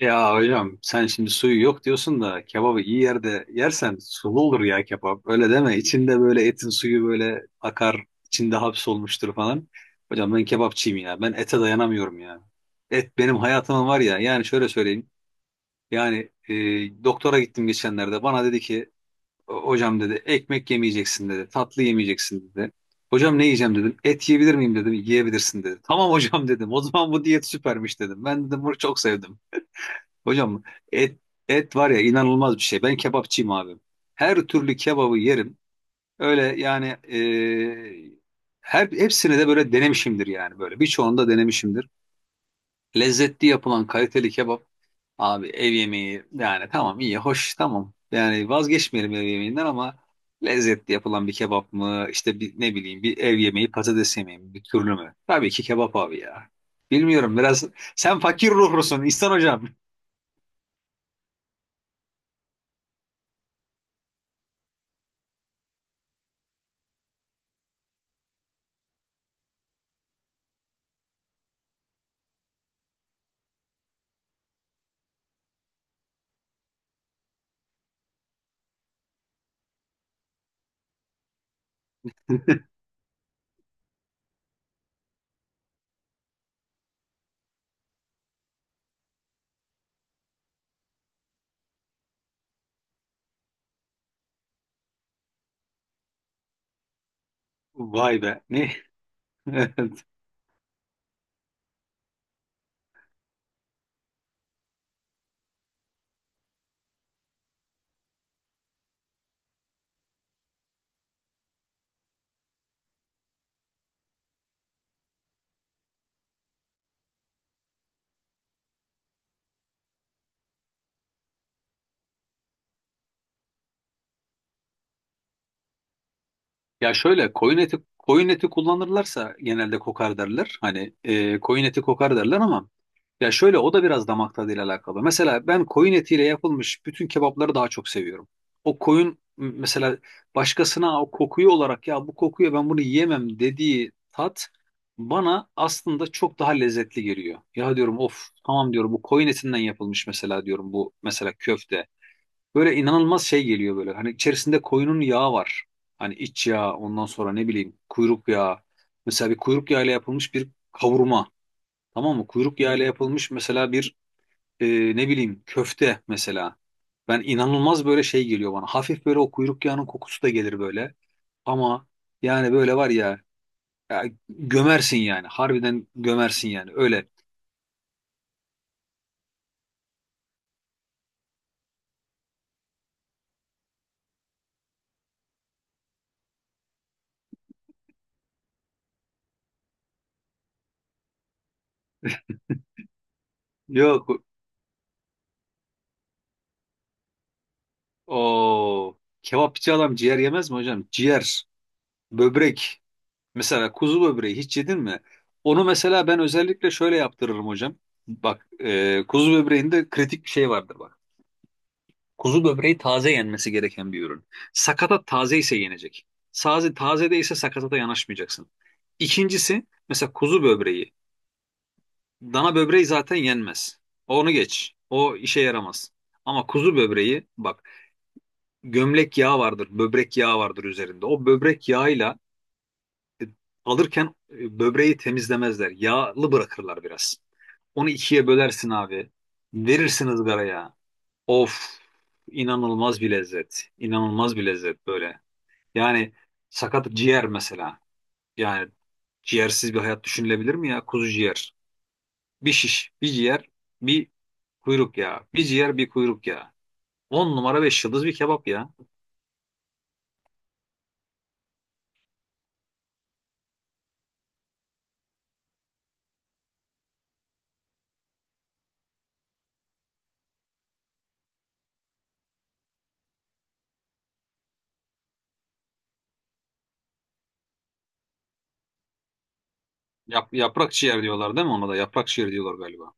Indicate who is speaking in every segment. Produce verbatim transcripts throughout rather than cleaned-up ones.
Speaker 1: Ya hocam sen şimdi suyu yok diyorsun da kebabı iyi yerde yersen sulu olur ya kebap. Öyle deme. İçinde böyle etin suyu böyle akar, içinde hapsolmuştur falan. Hocam ben kebapçıyım ya. Ben ete dayanamıyorum ya. Et benim hayatımın var ya. Yani şöyle söyleyeyim. Yani e, doktora gittim geçenlerde. Bana dedi ki hocam dedi ekmek yemeyeceksin dedi. Tatlı yemeyeceksin dedi. Hocam ne yiyeceğim dedim. Et yiyebilir miyim dedim. Yiyebilirsin dedi. Tamam hocam dedim. O zaman bu diyet süpermiş dedim. Ben dedim bunu çok sevdim. Hocam et et var ya inanılmaz bir şey. Ben kebapçıyım abi. Her türlü kebabı yerim. Öyle yani e, her hepsini de böyle denemişimdir yani böyle. Birçoğunu da denemişimdir. Lezzetli yapılan kaliteli kebap abi ev yemeği yani tamam iyi hoş tamam. Yani vazgeçmeyelim ev yemeğinden ama lezzetli yapılan bir kebap mı işte bir, ne bileyim bir ev yemeği patates yemeği mi bir türlü mü? Tabii ki kebap abi ya. Bilmiyorum biraz sen fakir ruhlusun İhsan hocam. Vay be. Ne Evet. Ya şöyle koyun eti koyun eti kullanırlarsa genelde kokar derler. Hani e, koyun eti kokar derler ama ya şöyle o da biraz damak tadıyla alakalı. Mesela ben koyun etiyle yapılmış bütün kebapları daha çok seviyorum. O koyun m- mesela başkasına o kokuyu olarak ya bu kokuyor ben bunu yiyemem dediği tat bana aslında çok daha lezzetli geliyor. Ya diyorum of tamam diyorum bu koyun etinden yapılmış mesela diyorum bu mesela köfte. Böyle inanılmaz şey geliyor böyle. Hani içerisinde koyunun yağı var. Hani iç yağı, ondan sonra ne bileyim kuyruk yağı. Mesela bir kuyruk yağıyla yapılmış bir kavurma. Tamam mı? Kuyruk yağıyla yapılmış mesela bir e, ne bileyim köfte mesela. Ben inanılmaz böyle şey geliyor bana. Hafif böyle o kuyruk yağının kokusu da gelir böyle. Ama yani böyle var ya, ya gömersin yani. Harbiden gömersin yani. Öyle. Yok o kebapçı adam ciğer yemez mi hocam? Ciğer, böbrek. Mesela kuzu böbreği hiç yedin mi? Onu mesela ben özellikle şöyle yaptırırım hocam. Bak e, kuzu böbreğinde kritik bir şey vardır bak. Kuzu böbreği taze yenmesi gereken bir ürün. Sakatat taze ise yenecek. Taze, taze değilse sakatata yanaşmayacaksın. İkincisi mesela kuzu böbreği. Dana böbreği zaten yenmez. Onu geç. O işe yaramaz. Ama kuzu böbreği bak gömlek yağı vardır, böbrek yağı vardır üzerinde. O böbrek yağıyla e, alırken e, böbreği temizlemezler. Yağlı bırakırlar biraz. Onu ikiye bölersin abi. Verirsin ızgaraya. Of inanılmaz bir lezzet. İnanılmaz bir lezzet böyle. Yani sakat ciğer mesela. Yani ciğersiz bir hayat düşünülebilir mi ya? Kuzu ciğer. Bir şiş, bir ciğer, bir kuyruk ya. Bir ciğer, bir kuyruk ya. On numara beş yıldız bir kebap ya. Yap- yaprak ciğer diyorlar değil mi ona da? Yaprak ciğer diyorlar galiba.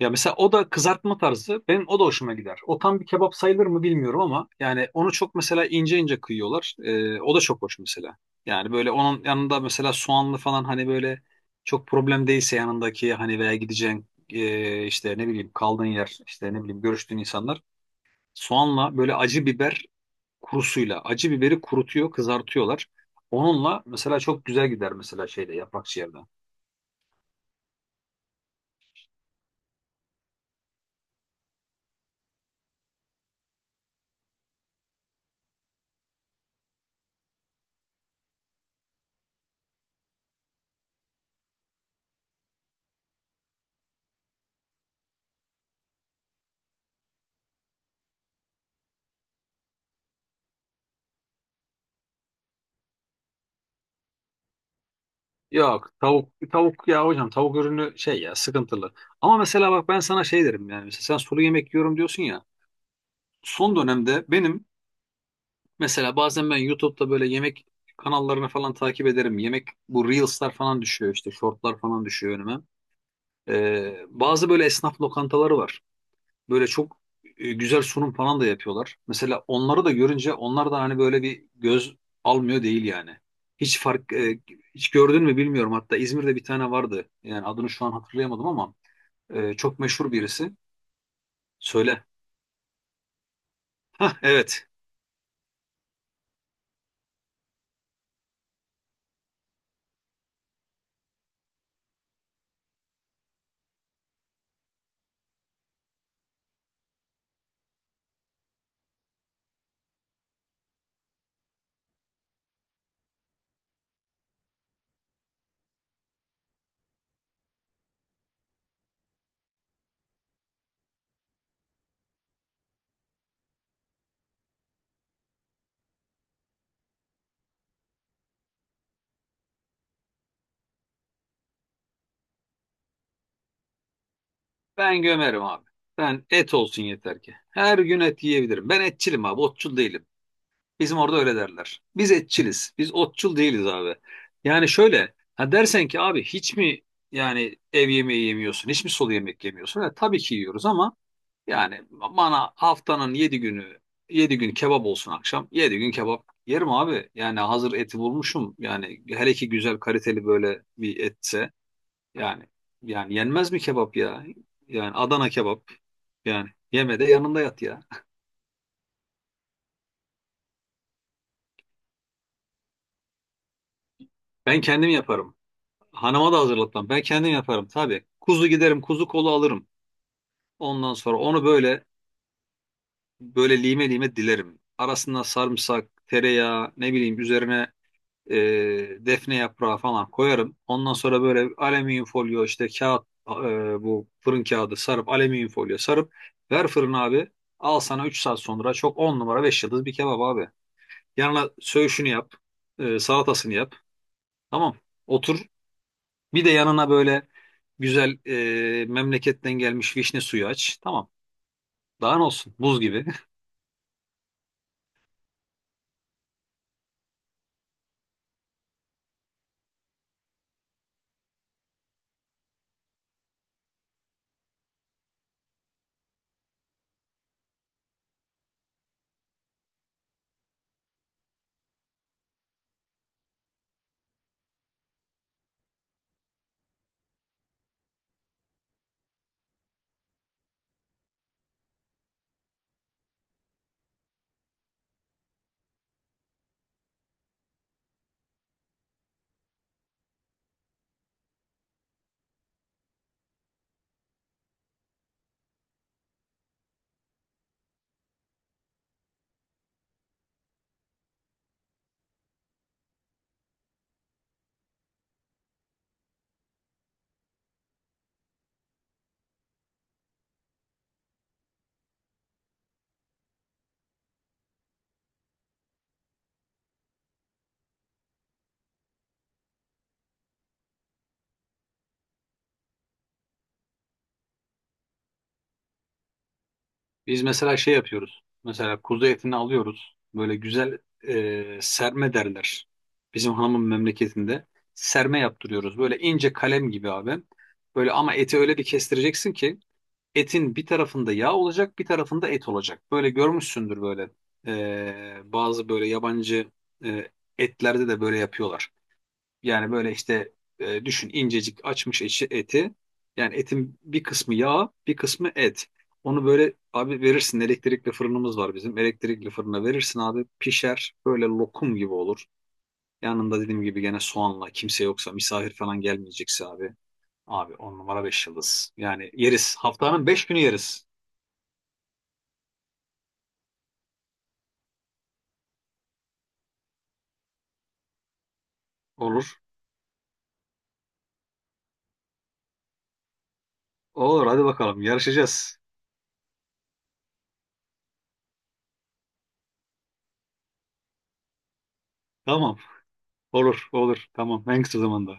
Speaker 1: Ya mesela o da kızartma tarzı. Benim o da hoşuma gider. O tam bir kebap sayılır mı bilmiyorum ama yani onu çok mesela ince ince kıyıyorlar. Ee, o da çok hoş mesela. Yani böyle onun yanında mesela soğanlı falan hani böyle çok problem değilse yanındaki hani veya gideceğin ee, işte ne bileyim kaldığın yer işte ne bileyim görüştüğün insanlar soğanla böyle acı biber kurusuyla acı biberi kurutuyor kızartıyorlar. Onunla mesela çok güzel gider mesela şeyde yaprak ciğerde. Yok tavuk tavuk ya hocam tavuk ürünü şey ya sıkıntılı. Ama mesela bak ben sana şey derim yani mesela sen sulu yemek yiyorum diyorsun ya. Son dönemde benim mesela bazen ben YouTube'da böyle yemek kanallarını falan takip ederim. Yemek bu Reels'lar falan düşüyor işte shortlar falan düşüyor önüme. Ee, bazı böyle esnaf lokantaları var. Böyle çok e, güzel sunum falan da yapıyorlar. Mesela onları da görünce onlar da hani böyle bir göz almıyor değil yani. Hiç fark e, hiç gördün mü bilmiyorum. Hatta İzmir'de bir tane vardı. Yani adını şu an hatırlayamadım ama e, çok meşhur birisi. Söyle. Hah evet. Ben gömerim abi. Ben et olsun yeter ki. Her gün et yiyebilirim. Ben etçilim abi, otçul değilim. Bizim orada öyle derler. Biz etçiliz. Biz otçul değiliz abi. Yani şöyle ha dersen ki abi hiç mi yani ev yemeği yemiyorsun? Hiç mi sulu yemek yemiyorsun? Ha, tabii ki yiyoruz ama yani bana haftanın yedi günü yedi gün kebap olsun akşam. Yedi gün kebap yerim abi. Yani hazır eti bulmuşum. Yani hele ki güzel kaliteli böyle bir etse yani yani yenmez mi kebap ya? Yani Adana kebap. Yani yeme de yanında yat ya. Ben kendim yaparım. Hanıma da hazırlatmam. Ben kendim yaparım tabii. Kuzu giderim, kuzu kolu alırım. Ondan sonra onu böyle böyle lime lime dilerim. Arasına sarımsak, tereyağı, ne bileyim üzerine e, defne yaprağı falan koyarım. Ondan sonra böyle alüminyum folyo işte kağıt e, bu fırın kağıdı sarıp alüminyum folyo sarıp ver fırına abi. Al sana üç saat sonra çok on numara beş yıldız bir kebap abi. Yanına söğüşünü yap, e, salatasını yap. Tamam. Otur. Bir de yanına böyle güzel e, memleketten gelmiş vişne suyu aç. Tamam. Daha ne olsun? Buz gibi. Biz mesela şey yapıyoruz. Mesela kuzu etini alıyoruz. Böyle güzel e, serme derler. Bizim hanımın memleketinde serme yaptırıyoruz. Böyle ince kalem gibi abi. Böyle ama eti öyle bir kestireceksin ki etin bir tarafında yağ olacak, bir tarafında et olacak. Böyle görmüşsündür böyle. E, bazı böyle yabancı e, etlerde de böyle yapıyorlar. Yani böyle işte e, düşün incecik açmış eşi eti. Yani etin bir kısmı yağ, bir kısmı et. Onu böyle abi verirsin elektrikli fırınımız var bizim. Elektrikli fırına verirsin abi pişer böyle lokum gibi olur. Yanında dediğim gibi gene soğanla kimse yoksa misafir falan gelmeyecekse abi. Abi on numara beş yıldız. Yani yeriz. Haftanın beş günü yeriz. Olur. Olur hadi bakalım yarışacağız. Tamam. Olur olur. Tamam en kısa zamanda.